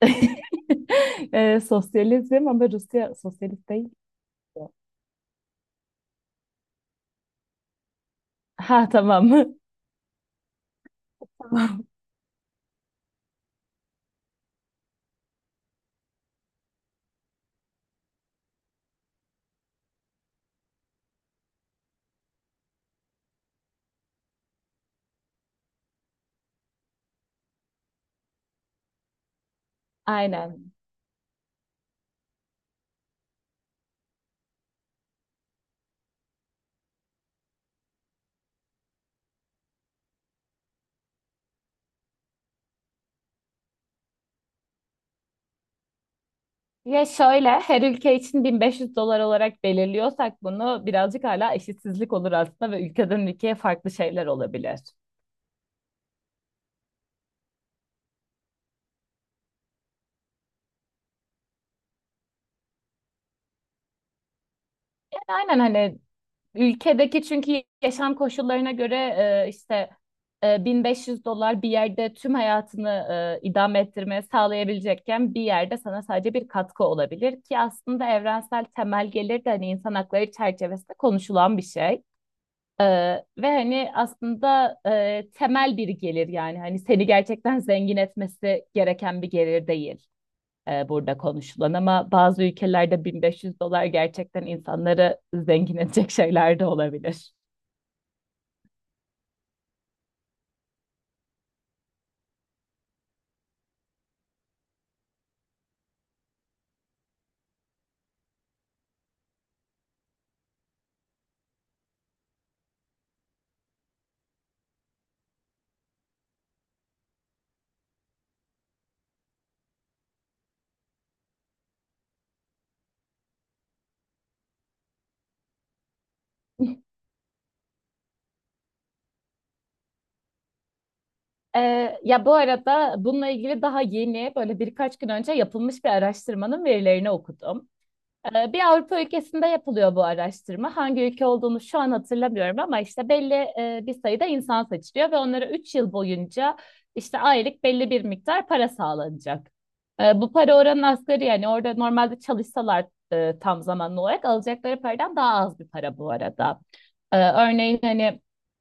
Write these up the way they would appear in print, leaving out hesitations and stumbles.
Sosyalizm ama Rusya sosyalist değil. Ki. Ha tamam. Tamam. Aynen. Ya şöyle her ülke için 1500 dolar olarak belirliyorsak bunu birazcık hala eşitsizlik olur aslında ve ülkeden ülkeye farklı şeyler olabilir. Aynen hani ülkedeki çünkü yaşam koşullarına göre işte 1500 dolar bir yerde tüm hayatını idame ettirmeye sağlayabilecekken bir yerde sana sadece bir katkı olabilir ki aslında evrensel temel gelir de hani insan hakları çerçevesinde konuşulan bir şey. E, ve hani aslında temel bir gelir yani hani seni gerçekten zengin etmesi gereken bir gelir değil burada konuşulan ama bazı ülkelerde 1500 dolar gerçekten insanları zengin edecek şeyler de olabilir. E, ya bu arada bununla ilgili daha yeni böyle birkaç gün önce yapılmış bir araştırmanın verilerini okudum. Bir Avrupa ülkesinde yapılıyor bu araştırma. Hangi ülke olduğunu şu an hatırlamıyorum ama işte belli bir sayıda insan seçiliyor ve onlara 3 yıl boyunca işte aylık belli bir miktar para sağlanacak. Bu para oranın asgari yani orada normalde çalışsalar tam zamanlı olarak alacakları paradan daha az bir para bu arada. Örneğin hani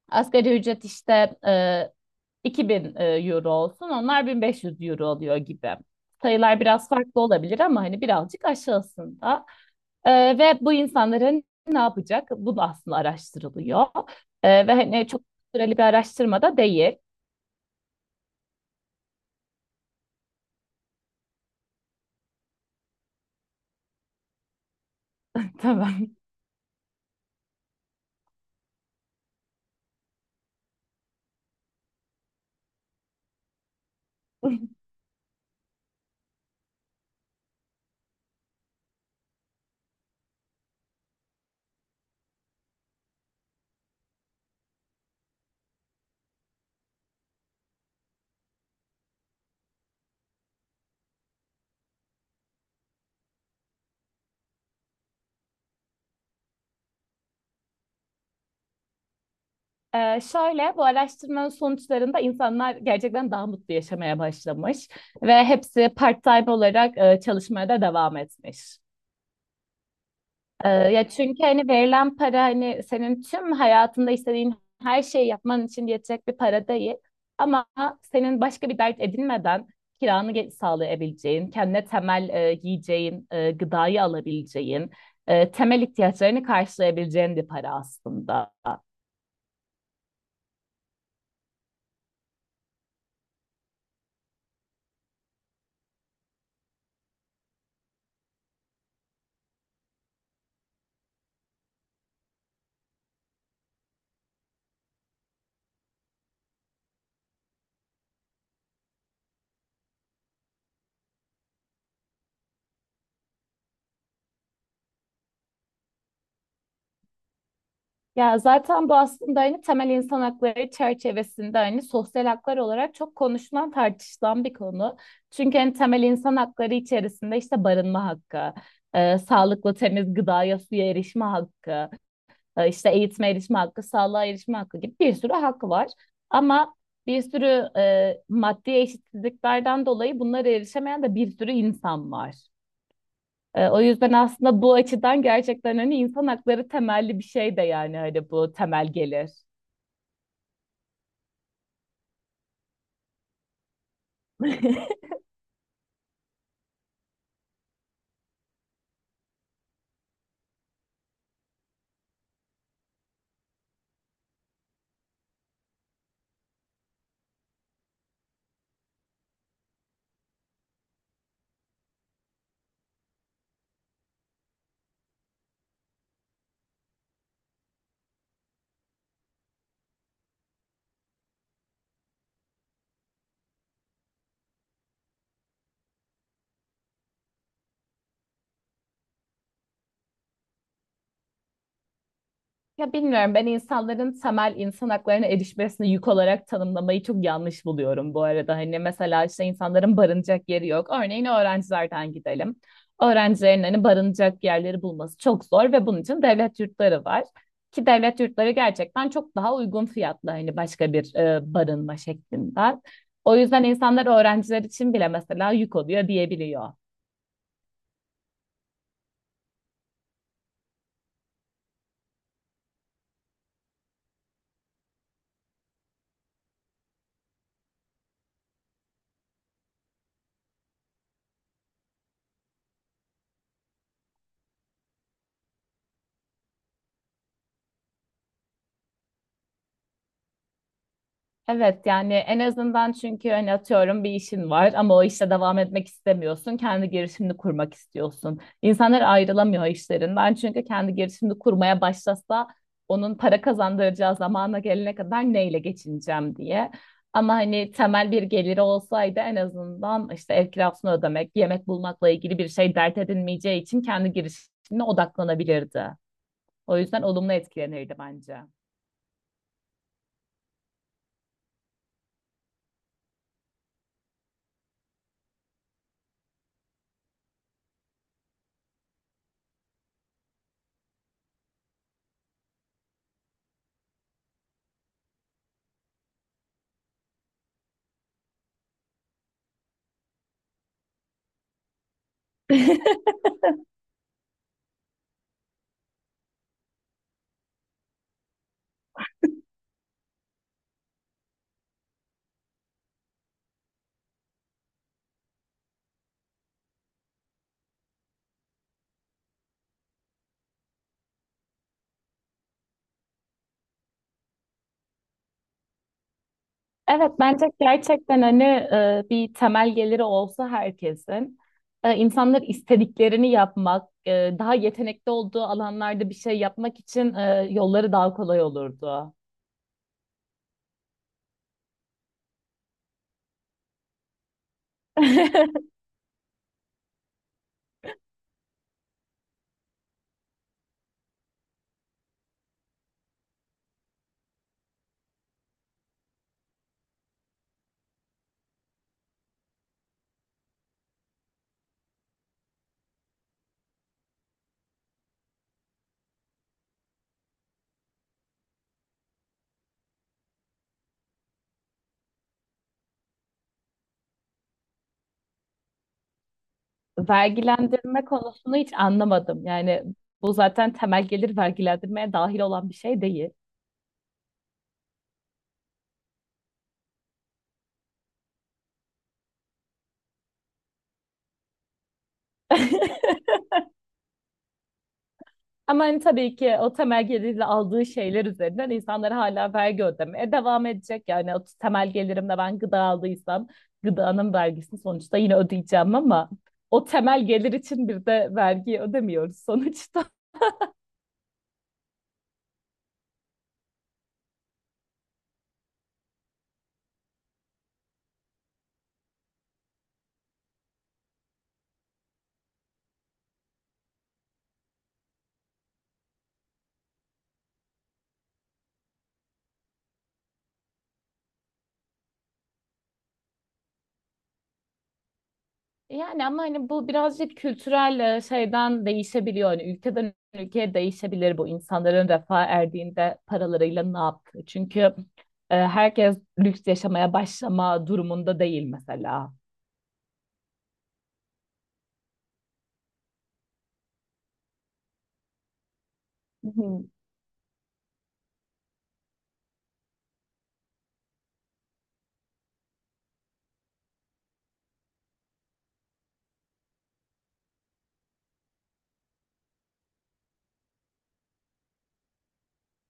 asgari ücret işte 2000 euro olsun onlar 1500 euro oluyor gibi sayılar biraz farklı olabilir ama hani birazcık aşağısında. Ve bu insanların ne yapacak? Bu da aslında araştırılıyor. Ve hani çok süreli bir araştırma da değil. Tamam. Şöyle bu araştırmanın sonuçlarında insanlar gerçekten daha mutlu yaşamaya başlamış ve hepsi part-time olarak çalışmaya da devam etmiş. Ya çünkü hani verilen para hani senin tüm hayatında istediğin her şeyi yapman için yetecek bir para değil. Ama senin başka bir dert edinmeden kiranı sağlayabileceğin, kendine temel giyeceğin, gıdayı alabileceğin, temel ihtiyaçlarını karşılayabileceğin bir para aslında. Ya zaten bu aslında hani temel insan hakları çerçevesinde hani sosyal haklar olarak çok konuşulan tartışılan bir konu. Çünkü hani temel insan hakları içerisinde işte barınma hakkı, sağlıklı temiz gıdaya suya erişme hakkı, işte eğitime erişme hakkı, sağlığa erişme hakkı gibi bir sürü hak var. Ama bir sürü maddi eşitsizliklerden dolayı bunlara erişemeyen de bir sürü insan var. O yüzden aslında bu açıdan gerçekten hani insan hakları temelli bir şey de yani hani bu temel gelir. Ya bilmiyorum ben insanların temel insan haklarına erişmesini yük olarak tanımlamayı çok yanlış buluyorum bu arada. Hani mesela işte insanların barınacak yeri yok. Örneğin öğrencilerden gidelim. Öğrencilerin hani barınacak yerleri bulması çok zor ve bunun için devlet yurtları var. Ki devlet yurtları gerçekten çok daha uygun fiyatlı hani başka bir barınma şeklinde. O yüzden insanlar öğrenciler için bile mesela yük oluyor diyebiliyor. Evet yani en azından çünkü hani atıyorum bir işin var ama o işe devam etmek istemiyorsun. Kendi girişimini kurmak istiyorsun. İnsanlar ayrılamıyor işlerinden çünkü kendi girişimini kurmaya başlasa onun para kazandıracağı zamana gelene kadar neyle geçineceğim diye. Ama hani temel bir geliri olsaydı en azından işte ev kirasını ödemek, yemek bulmakla ilgili bir şey dert edinmeyeceği için kendi girişimine odaklanabilirdi. O yüzden olumlu etkilenirdi bence. Evet bence gerçekten hani bir temel geliri olsa herkesin insanlar istediklerini yapmak, daha yetenekli olduğu alanlarda bir şey yapmak için yolları daha kolay olurdu. Vergilendirme konusunu hiç anlamadım. Yani bu zaten temel gelir vergilendirmeye dahil olan bir şey değil. Ama hani tabii ki o temel gelirle aldığı şeyler üzerinden insanlar hala vergi ödemeye devam edecek. Yani o temel gelirimle ben gıda aldıysam gıdanın vergisini sonuçta yine ödeyeceğim ama o temel gelir için bir de vergi ödemiyoruz sonuçta. Yani ama hani bu birazcık kültürel şeyden değişebiliyor. Hani ülkeden ülkeye değişebilir bu insanların refah erdiğinde paralarıyla ne yaptığı. Çünkü herkes lüks yaşamaya başlama durumunda değil mesela. Hı hı.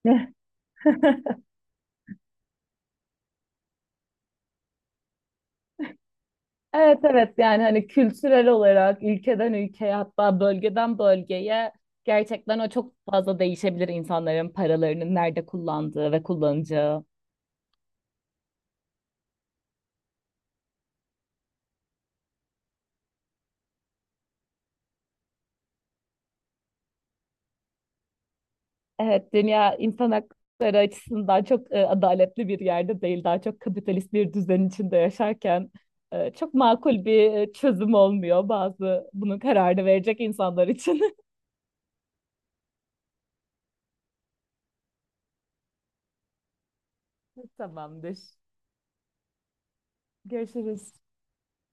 Evet evet yani hani kültürel olarak ülkeden ülkeye hatta bölgeden bölgeye gerçekten o çok fazla değişebilir insanların paralarının nerede kullandığı ve kullanacağı. Evet dünya insan hakları açısından çok adaletli bir yerde değil daha çok kapitalist bir düzen içinde yaşarken çok makul bir çözüm olmuyor bazı bunun kararını verecek insanlar için. Tamamdır. Görüşürüz.